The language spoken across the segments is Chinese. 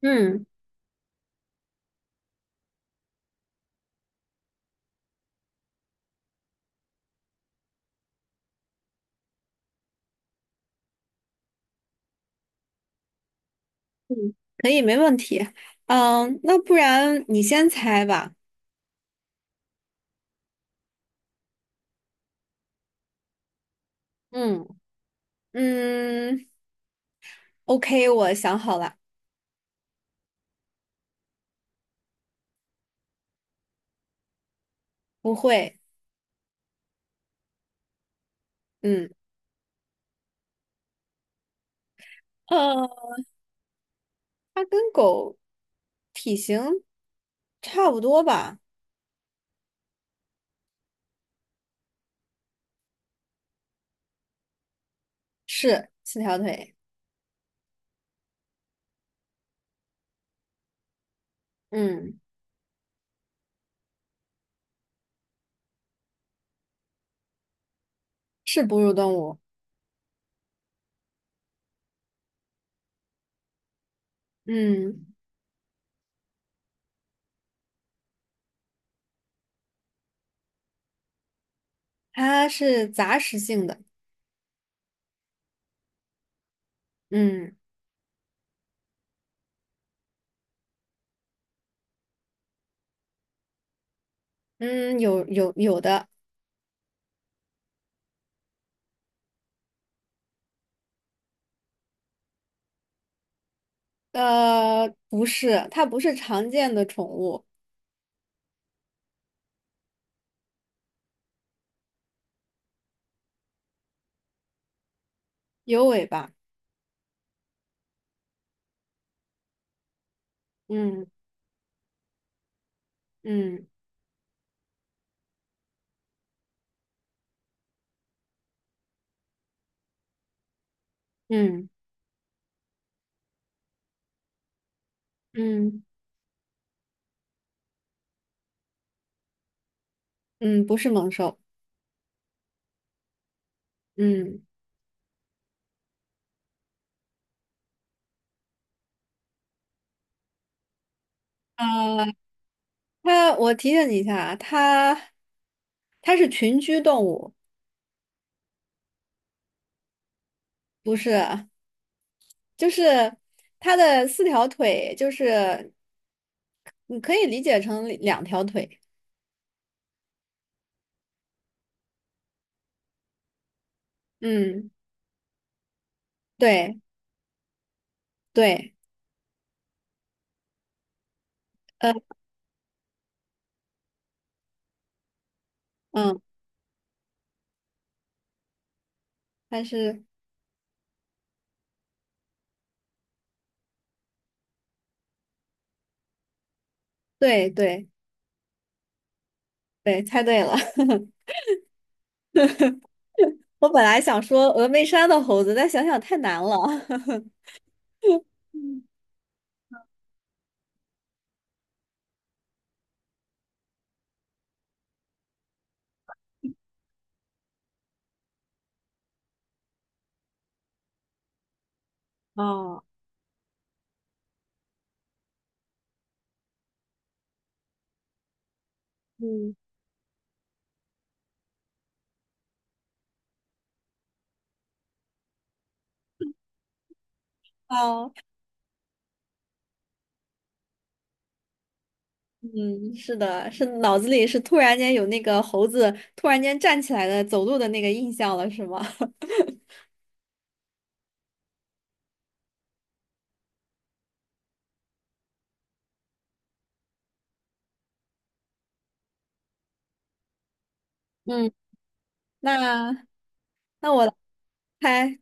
嗯嗯，可以，没问题。嗯，那不然你先猜吧。嗯，嗯，OK，我想好了。不会。嗯，呃，它跟狗体型差不多吧？是四条腿。嗯，是哺乳动物。嗯，它是杂食性的。嗯嗯，有的。呃，不是，它不是常见的宠物。有尾巴。嗯嗯嗯嗯。嗯，不是猛兽。嗯，呃，它，我提醒你一下啊它是群居动物。不是，就是它的四条腿，就是你可以理解成两条腿。嗯，对对。呃嗯，它是。对对对，猜对了。我本来想说峨眉山的猴子，但想想太难了。哦。嗯。哦。嗯，是的，是脑子里是突然间有那个猴子突然间站起来的走路的那个印象了，是吗？嗯，那那我来猜。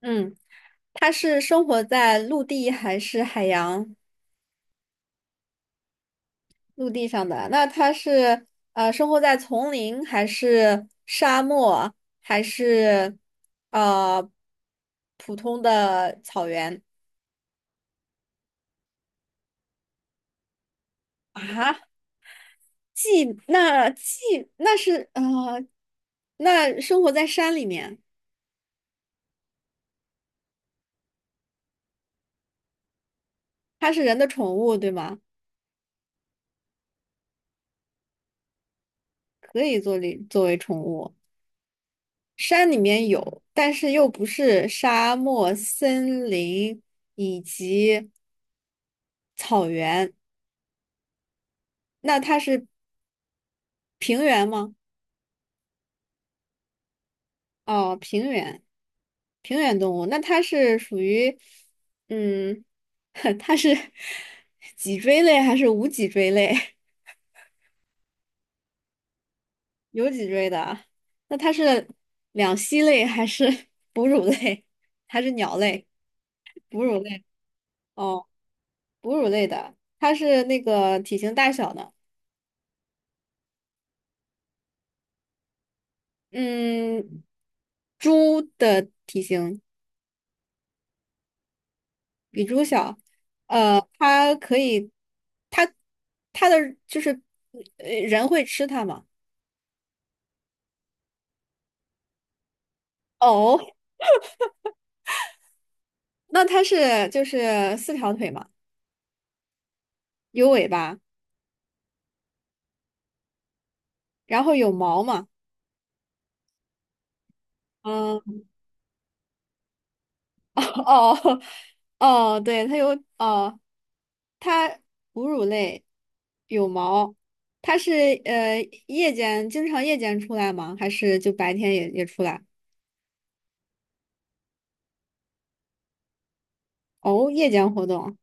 嗯，它是生活在陆地还是海洋？陆地上的，那它是生活在丛林还是沙漠还是呃普通的草原啊？既那既那是呃，那生活在山里面。它是人的宠物，对吗？可以做为作为宠物。山里面有，但是又不是沙漠、森林以及草原。那它是平原吗？哦，平原，平原动物。那它是属于，嗯，它是脊椎类还是无脊椎类？有脊椎的啊。那它是两栖类还是哺乳类？还是鸟类？哺乳类。哦。哺乳类的，它是那个体型大小的。嗯，猪的体型。比猪小，呃，它可以。它它的就是呃人会吃它吗？哦，那它是就是四条腿嘛，有尾巴，然后有毛嘛。嗯、哦。 哦，对，它有。哦，它哺乳类有毛。它是呃夜间经常出来吗？还是就白天也出来？哦，夜间活动。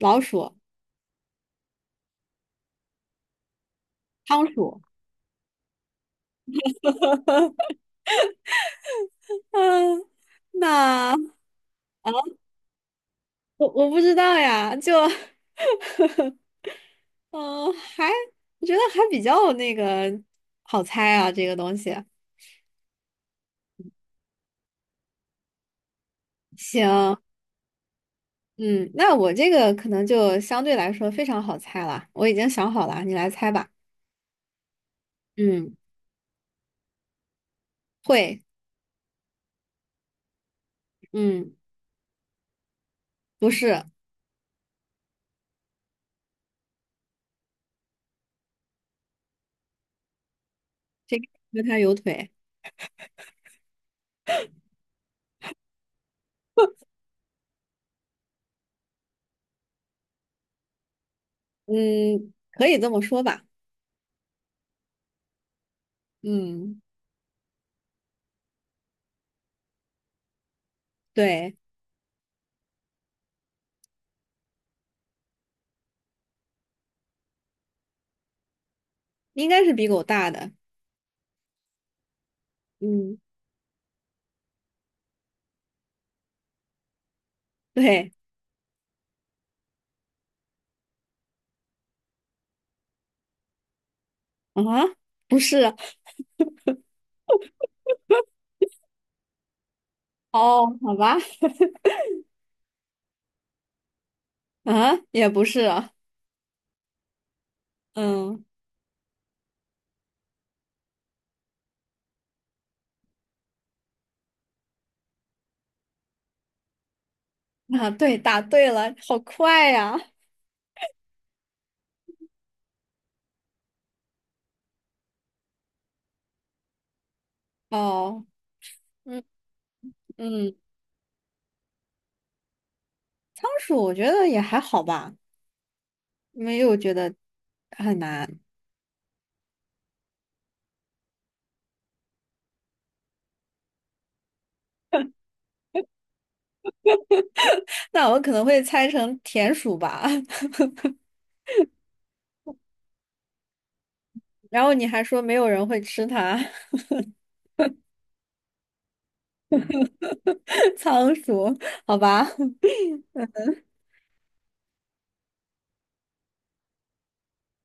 老鼠、仓鼠。嗯，那我不知道呀，就嗯，我觉得还比较那个好猜啊，这个东西。行。嗯，那我这个可能就相对来说非常好猜了，我已经想好了，你来猜吧。嗯，会。嗯，不是，这个和它有腿。嗯，可以这么说吧。嗯，对，应该是比狗大的。嗯，对。啊，不是。哦，好吧。啊，也不是啊。嗯。啊，对，答对了，好快呀。哦。嗯嗯。仓鼠我觉得也还好吧，没有觉得。那我可能会猜成田鼠吧。然后你还说没有人会吃它。仓鼠，好吧。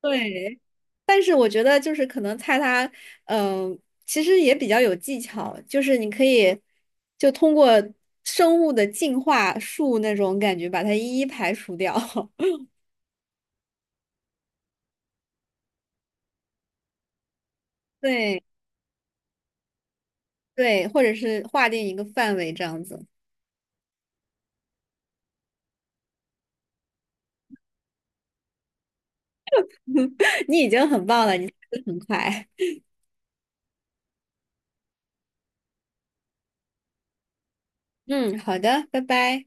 对，但是我觉得就是可能菜它，嗯、其实也比较有技巧，就是你可以就通过生物的进化树那种感觉把它一一排除掉。对对，或者是划定一个范围这样子。你已经很棒了，你速度很快。嗯，好的，拜拜。